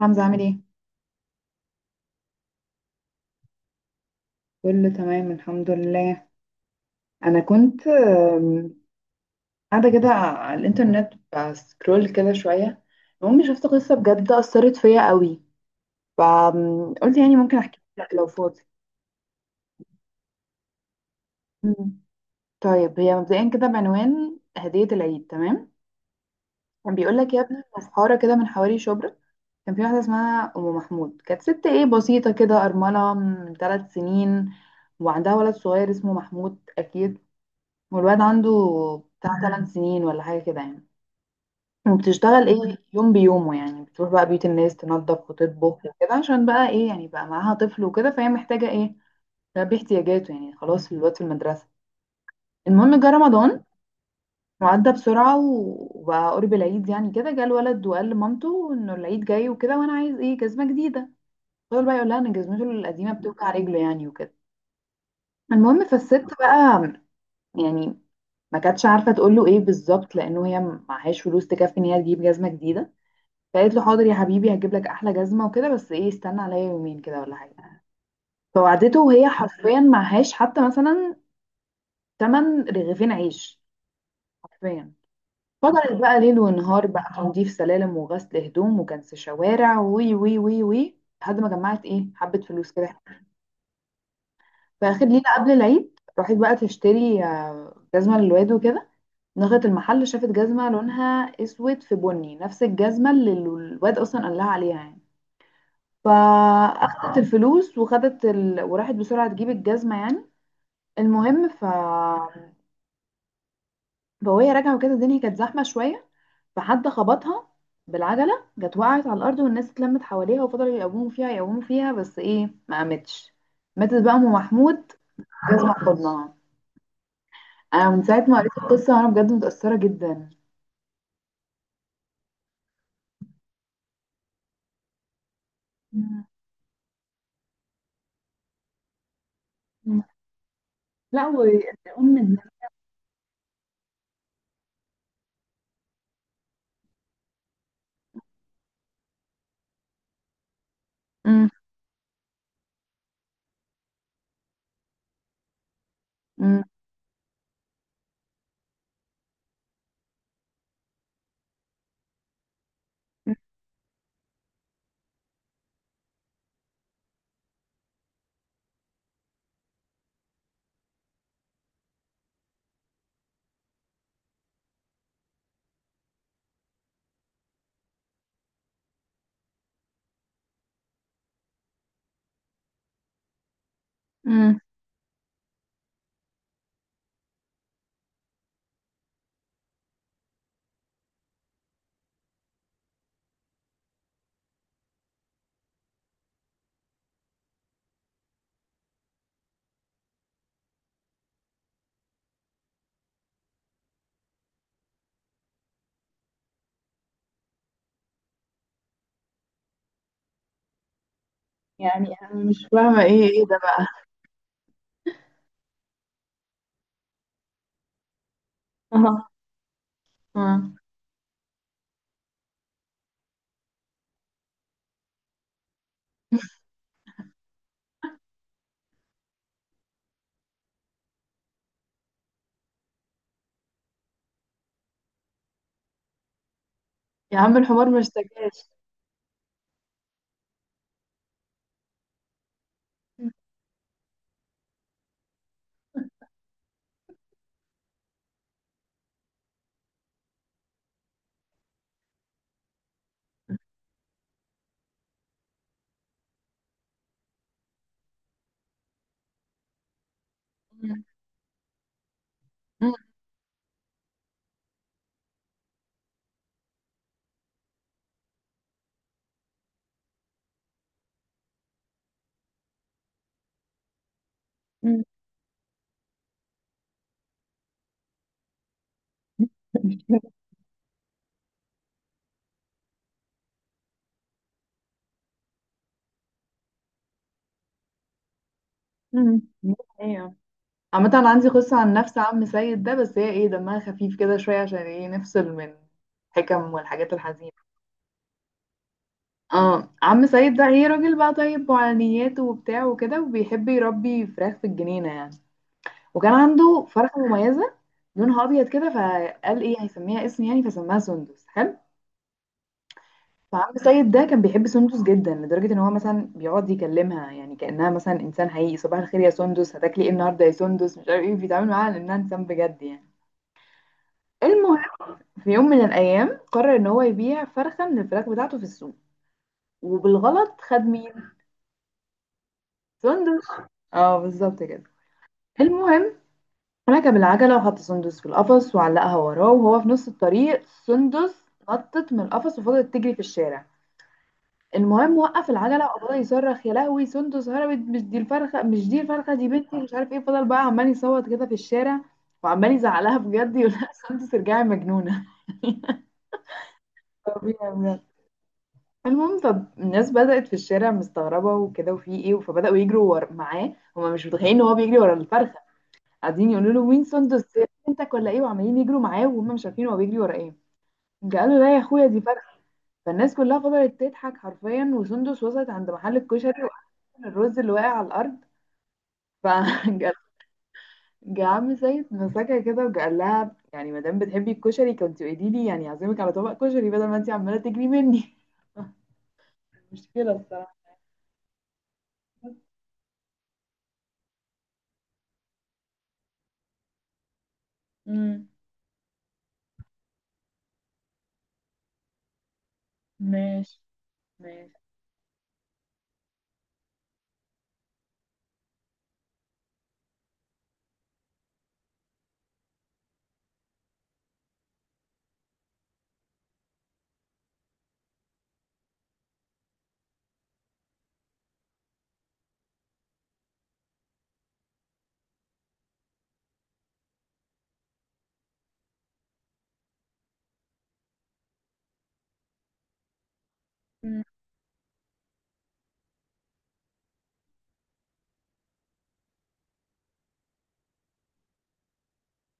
حمزة عامل ايه؟ كله تمام الحمد لله. انا كنت قاعدة كده على الانترنت بسكرول كده شوية. المهم شفت قصة بجد أثرت فيا قوي، فقلت يعني ممكن احكي لك لو فاضي. مم. طيب هي مبدئيا كده بعنوان هدية العيد، تمام؟ كان بيقول لك يا ابني إن في حارة كده من حواري شبرا كان في واحدة اسمها أم محمود، كانت ست ايه بسيطة كده، أرملة من 3 سنين وعندها ولد صغير اسمه محمود أكيد، والواد عنده بتاع 8 سنين ولا حاجة كده يعني. وبتشتغل ايه، يوم بيومه يعني، بتروح بقى بيت الناس تنظف وتطبخ وكده، عشان بقى ايه يعني بقى معاها طفل وكده، فهي محتاجة ايه تلبي احتياجاته. يعني خلاص الواد في المدرسة. المهم جه رمضان وعدى بسرعة و- وبقى قرب العيد، يعني كده جه الولد وقال لمامته انه العيد جاي وكده وانا عايز ايه جزمة جديدة، فضل بقى يقول لها ان جزمته القديمة بتوجع رجله يعني وكده. المهم فالست بقى يعني ما كانتش عارفه تقول له ايه بالظبط، لانه هي معهاش فلوس تكفي ان هي تجيب جزمه جديده، فقالت له حاضر يا حبيبي هجيب لك احلى جزمه وكده، بس ايه استنى عليا يومين كده ولا حاجه. فوعدته وهي حرفيا معهاش حتى مثلا تمن رغيفين عيش، حرفيا. فضلت بقى ليل ونهار بقى تنظيف سلالم وغسل هدوم وكنس شوارع، وي وي وي وي، لحد ما جمعت ايه حبه فلوس كده. في اخر ليله قبل العيد راحت بقى تشتري جزمه للواد وكده. دخلت المحل شافت جزمة لونها اسود في بني، نفس الجزمة اللي الواد اصلا قال لها عليها يعني، فاخدت الفلوس وراحت بسرعة تجيب الجزمة يعني. المهم ف فوهي راجعة وكده الدنيا كانت زحمة شوية، فحد خبطها بالعجلة، جت وقعت على الأرض والناس اتلمت حواليها وفضلوا يقوموا فيها يقوموا فيها، بس ايه ما قامتش. ماتت بقى أم محمود، جزمة في حضنها. أنا من ساعة ما قريت القصة وأنا بجد متأثرة جدا. مم. مم. لا والأم. امم. امم. يعني انا مش فاهمه ايه ايه ده بقى؟ اه. اه. يا عم الحمار ما اشتكاش. مم. مم. مم. مم. ده حقيقة. عامة أنا عندي قصة عن نفس عم سيد ده، بس هي ايه دمها خفيف كده شوية عشان ايه نفصل من الحكم والحاجات الحزينة. اه، عم سيد ده ايه راجل بقى طيب وعلى نياته وبتاع وكده، وبيحب يربي فراخ في الجنينة يعني. وكان عنده فرخة مميزة لونها أبيض كده، فقال ايه هيسميها اسم يعني، فسماها سندس، حلو. فعبد السيد ده كان بيحب سندس جدا، لدرجة ان هو مثلا بيقعد يكلمها يعني كأنها مثلا انسان حقيقي. صباح الخير يا سندس، هتاكلي ايه النهارده يا سندس، مش عارف ايه، بيتعامل معاها على انها انسان بجد يعني. المهم في يوم من الايام قرر ان هو يبيع فرخة من الفراخ بتاعته في السوق، وبالغلط خد مين؟ سندس. اه بالظبط كده. المهم ركب العجلة وحط سندس في القفص وعلقها وراه، وهو في نص الطريق سندس نطت من القفص وفضلت تجري في الشارع. المهم وقف العجله وفضل يصرخ، يا لهوي سندس هربت، مش دي الفرخه مش دي الفرخه دي بنتي، مش عارف ايه، فضل بقى عمال يصوت كده في الشارع، وعمال يزعلها بجد يقول لها سندس ارجعي مجنونه. طبيعي بجد. المهم طب الناس بدأت في الشارع مستغربة وكده، وفي ايه، فبدأوا معاه، هما مش متخيلين ان هو بيجري ورا الفرخة، قاعدين يقولوا له مين سندس، بنتك ولا ايه، وعمالين يجروا معاه وهم مش عارفين هو بيجري ورا ايه. قالوا لا يا اخويا دي فرخة. فالناس كلها فضلت تضحك حرفيا، وسندس وصلت عند محل الكشري، وقعت الرز اللي واقع على الارض، فجا عم سيد مسكها كده وقال لها يعني ما دام بتحبي الكشري كنت قولي لي يعني، اعزمك على طبق كشري بدل ما انت عماله تجري مني. مشكله الصراحه. امم. ماشي. ماشي. امم.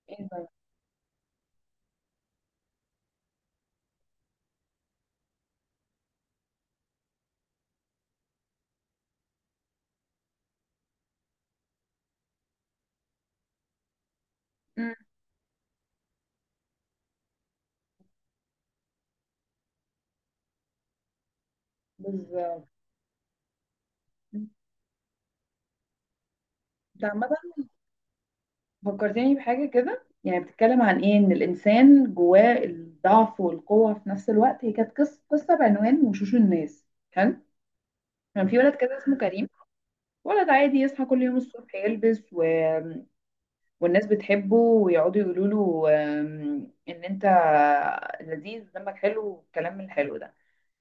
ايه ده. امم. بالظبط. انت. عامه فكرتني بحاجه كده يعني بتتكلم عن ايه ان الانسان جواه الضعف والقوه في نفس الوقت. هي كانت قصه بعنوان وشوش الناس، حلو. كان في ولد كده اسمه كريم، ولد عادي يصحى كل يوم الصبح يلبس و، والناس بتحبه ويقعدوا يقولوا له ان انت لذيذ ودمك حلو والكلام من الحلو ده.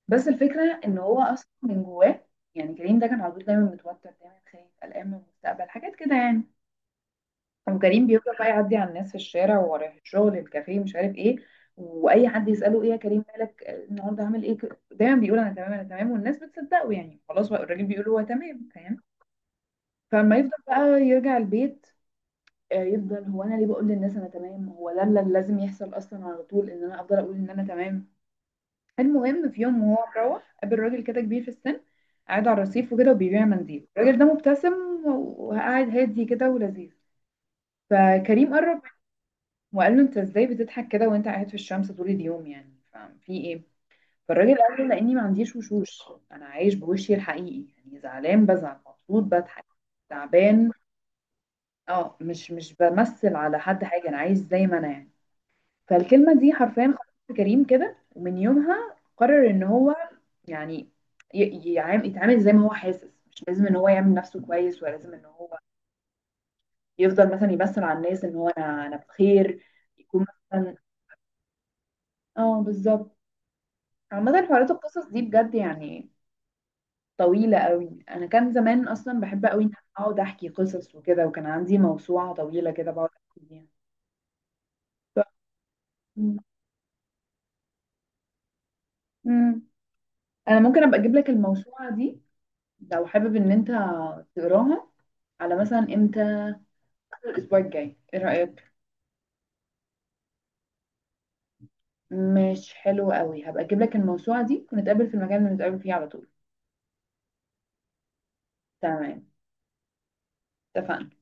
بس الفكره ان هو اصلا من جواه، يعني كريم ده كان على طول دايما متوتر، دايما خايف قلقان من المستقبل، حاجات كده يعني. وكريم بيفضل بقى يعدي على الناس في الشارع ورايح الشغل الكافيه مش عارف ايه، واي حد يساله ايه يا كريم مالك النهارده عامل ايه، دايما بيقول انا تمام انا تمام، والناس بتصدقه يعني خلاص بقى الراجل بيقول هو تمام، فاهم؟ فلما يفضل بقى يرجع البيت، يفضل هو انا ليه بقول للناس انا تمام، هو ده اللي لازم يحصل اصلا على طول ان انا افضل اقول ان انا تمام. المهم في يوم وهو مروح قابل راجل كده كبير في السن، قاعد على الرصيف وكده وبيبيع منديل، الراجل ده مبتسم وقاعد هادي كده ولذيذ. فكريم قرب منه وقال له انت ازاي بتضحك كده وانت قاعد في الشمس طول اليوم يعني، ففي ايه؟ فالراجل قال له لاني ما عنديش وشوش، انا عايش بوشي الحقيقي، يعني زعلان بزعل، مبسوط بضحك، تعبان. اه مش بمثل على حد حاجه، انا عايش زي ما انا يعني. فالكلمة دي حرفيا خلصت كريم كده، ومن يومها قرر ان هو يعني يتعامل زي ما هو حاسس، مش لازم ان هو يعمل نفسه كويس، ولا لازم ان هو يفضل مثلا يبثر على الناس ان هو انا بخير. يكون مثلا. اه بالظبط. عامة حوارات القصص دي بجد يعني طويلة قوي، انا كان زمان اصلا بحب قوي ان أنا اقعد احكي قصص وكده، وكان عندي موسوعة طويلة كده بقعد احكي فيها. ف- مم. انا ممكن ابقى اجيب لك الموسوعة دي لو حابب ان انت تقراها، على مثلا امتى؟ أول الاسبوع الجاي ايه رايك؟ مش حلو قوي، هبقى اجيب لك الموسوعه دي ونتقابل في المكان اللي بنتقابل فيه على طول. تمام، اتفقنا.